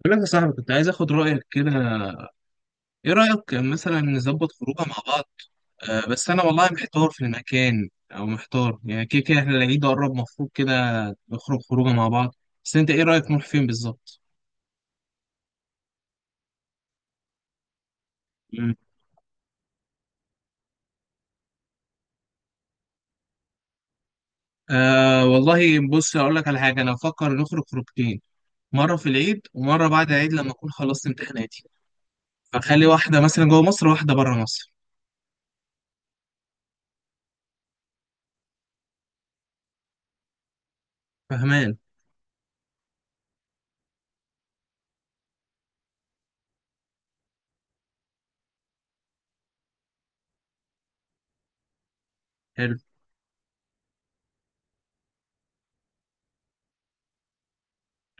بقول لك يا صاحبي، كنت عايز اخد رايك كده. ايه رايك مثلا نظبط خروجه مع بعض؟ أه، بس انا والله محتار في المكان، او محتار يعني، كده كده احنا العيد قرب، مفروض كده نخرج خروجه مع بعض. بس انت ايه رايك نروح فين بالظبط؟ مم. أه، والله بص، اقول لك على حاجه، انا بفكر نخرج خروجتين، مره في العيد ومره بعد العيد لما اكون خلصت امتحاناتي، فخلي واحده مثلا جوه مصر وواحده بره مصر. فاهمان؟ حلو.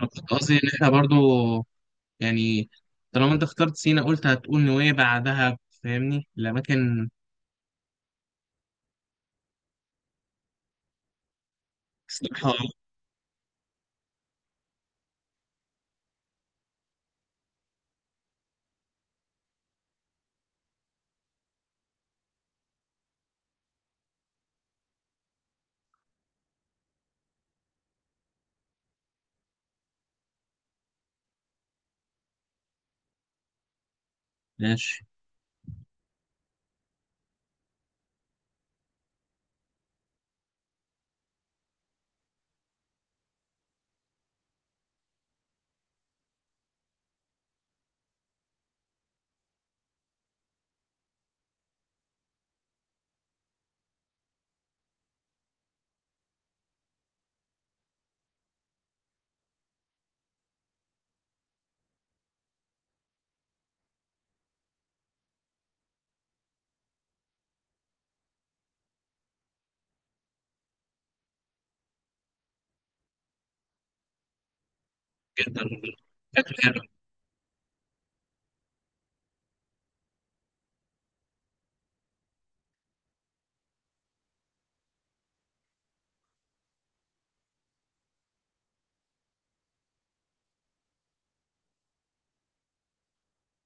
أنا كنت قصدي ان احنا برضو يعني طالما انت اخترت سينا، قلت هتقول نويبع دهب. فاهمني الأماكن؟ الصراحة. ماشي. جدا، فكرة حلوة.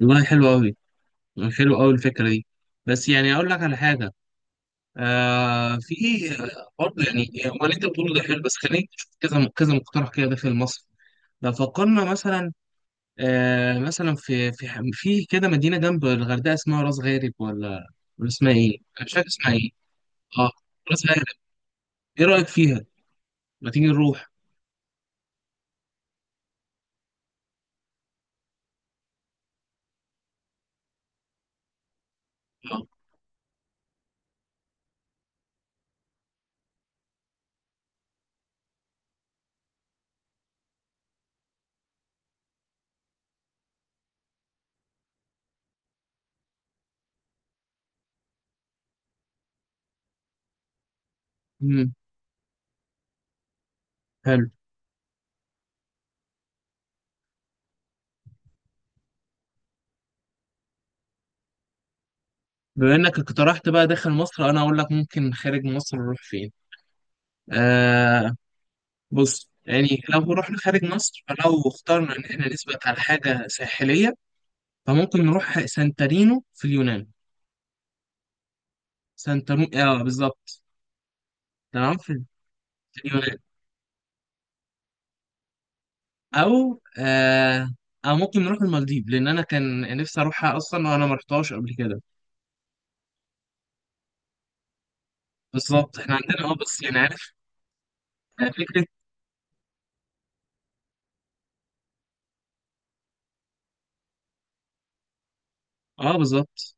والله حلو أوي، حلو أوي الفكرة دي. بس يعني أقول لك على حاجة. آه، في برضه، يعني هو اللي أنت بتقوله ده حلو، بس خليني أشوف كذا كذا مقترح كده داخل مصر. لو فكرنا مثلا آه، مثلا في كده مدينة جنب الغردقة، اسمها راس غارب، ولا اسمها إيه؟ أنا مش فاكر اسمها إيه. أه، راس غارب. إيه رأيك فيها؟ ما تيجي نروح. آه. مم. حلو. بما انك اقترحت بقى داخل مصر، انا اقول لك ممكن خارج مصر نروح فين. آه، بص يعني لو رحنا خارج مصر، فلو اخترنا ان احنا نثبت على حاجه ساحليه، فممكن نروح سانتارينو في اليونان. سانتارينو، اه، بالظبط. تمام. في اليونان. او آه او ممكن نروح المالديف، لان انا كان نفسي اروحها اصلا، وانا ما رحتهاش قبل كده. بالظبط، احنا عندنا، اه، بس يعني عارف. آه، فكره. اه، بالظبط.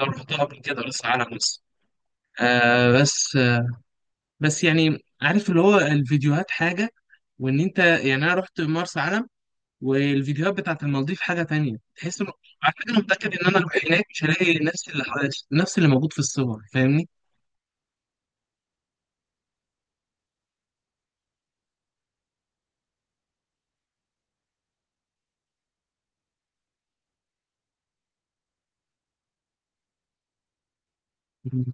لو رحتها قبل كده، بس على مصر. آه، بس بس يعني عارف، اللي هو الفيديوهات حاجة، وان انت يعني انا رحت مرسى علم، والفيديوهات بتاعت المالديف حاجة تانية، تحس انه على فكرة انا متأكد ان انا اروح هناك مش هلاقي نفس اللي موجود في الصور. فاهمني؟ مم.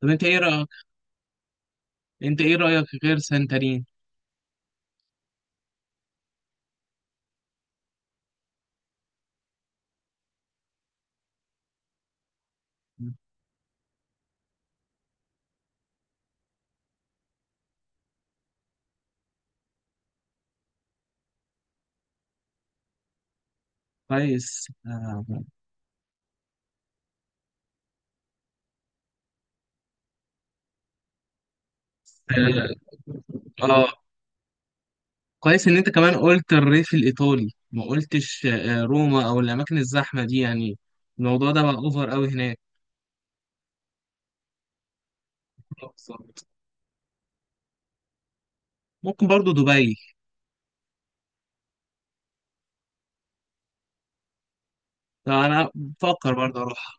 طب انت ايه رأيك؟ غير سانتارين. مم. كويس، آه. آه. آه. كويس ان انت كمان قلت الريف الايطالي، ما قلتش آه، روما او الاماكن الزحمة دي يعني. الموضوع ده بقى اوفر قوي هناك. آه، بالظبط. ممكن برضو دبي. فأنا بفكر برضه أروح.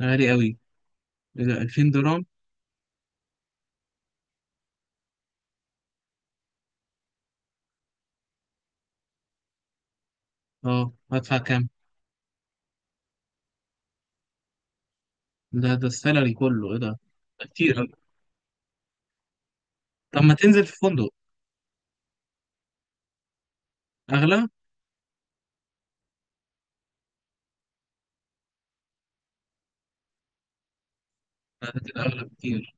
غالي أوي. إيه ده، 2000 درهم؟ أه، هدفع كام؟ ده السالري كله إيه ده؟ ده كتير أوي. طب ما تنزل في فندق. أغلى؟ لا، ده كده أغلى بكتير.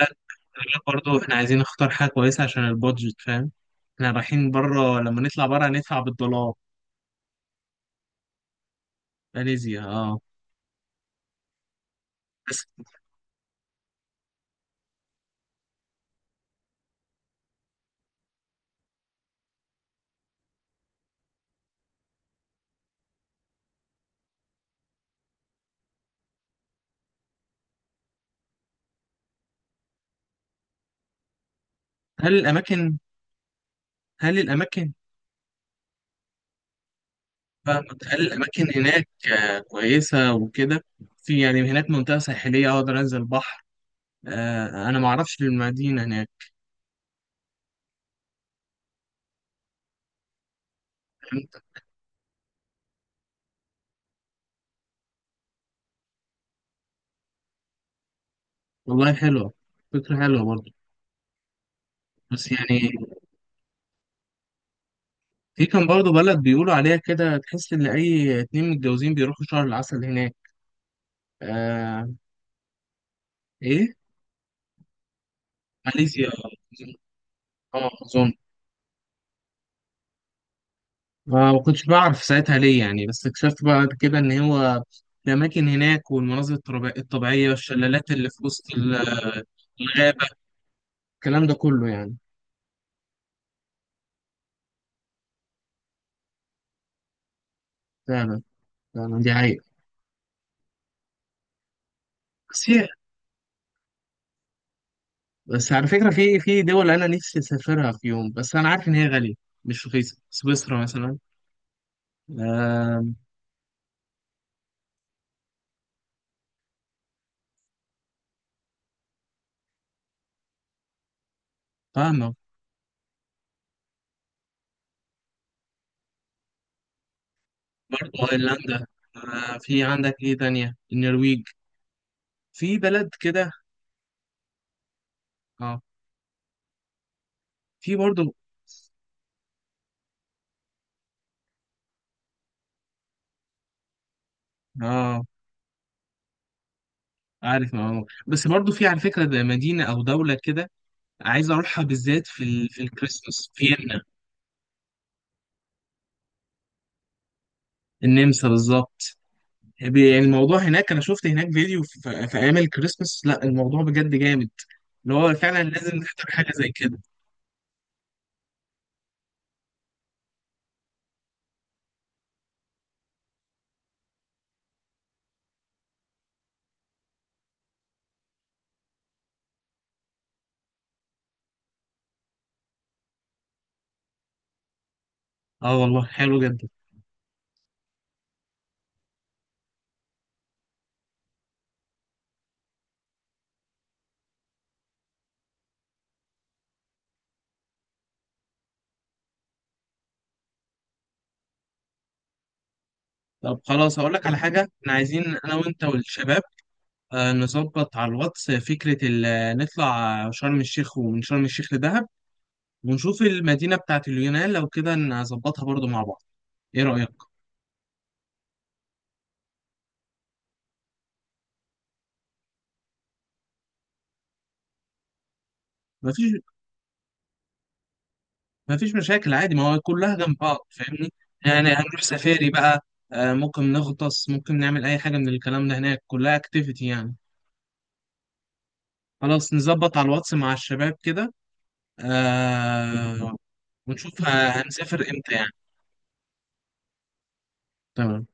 لا، لا، برضه إحنا عايزين نختار حاجة كويسة عشان البادجت، فاهم؟ إحنا رايحين بره، لما نطلع بره هندفع بالدولار. ماليزيا، أه. بس. هل الأماكن هل الأماكن. فاهمك، هل الأماكن هناك آه، كويسة وكده؟ في يعني هناك منطقة ساحلية أقدر أنزل البحر؟ آه، أنا معرفش المدينة هناك. والله حلوة، فكرة حلوة برضه. بس يعني، في كان برضه بلد بيقولوا عليها كده، تحس إن أي اتنين متجوزين بيروحوا شهر العسل هناك. آه. إيه؟ ماليزيا. اه، أظن. ما كنتش بعرف ساعتها ليه يعني، بس اكتشفت بعد كده إن هو الأماكن هناك والمناظر الطبيعية والشلالات اللي في وسط الغابة، الكلام ده كله يعني. فعلا، فعلا دي حقيقة. بس هي، بس على فكرة، في دول أنا نفسي أسافرها في يوم، بس أنا عارف إن هي غالية، مش رخيصة، سويسرا مثلا. آه. فاهمة. برضه أيرلندا. آه، في عندك إيه تانية؟ النرويج. في بلد كده. اه. في برضه. اه، عارف معلومة، بس برضه في على فكرة ده مدينة أو دولة كده عايز أروحها بالذات في الكريسماس. فيينا. النمسا بالظبط. الموضوع هناك، أنا شفت هناك فيديو في أيام الكريسماس. لا، الموضوع بجد جامد، اللي هو فعلا لازم نحضر حاجة زي كده. اه، والله حلو جدا. طب خلاص، أقول لك على حاجة، احنا عايزين أنا وأنت والشباب آه، نظبط على الواتس فكرة نطلع شرم الشيخ، ومن شرم الشيخ لدهب، ونشوف المدينة بتاعت اليونان لو كده نظبطها برضو مع بعض. ايه رأيك؟ مفيش مفيش مشاكل، عادي، ما هو كلها جنب بعض، فاهمني؟ يعني هنروح سفاري بقى، آه، ممكن نغطس، ممكن نعمل أي حاجة من الكلام ده، هناك كلها اكتيفيتي يعني. خلاص نظبط على الواتس مع الشباب كده، آه. ونشوف هنسافر امتى يعني. تمام.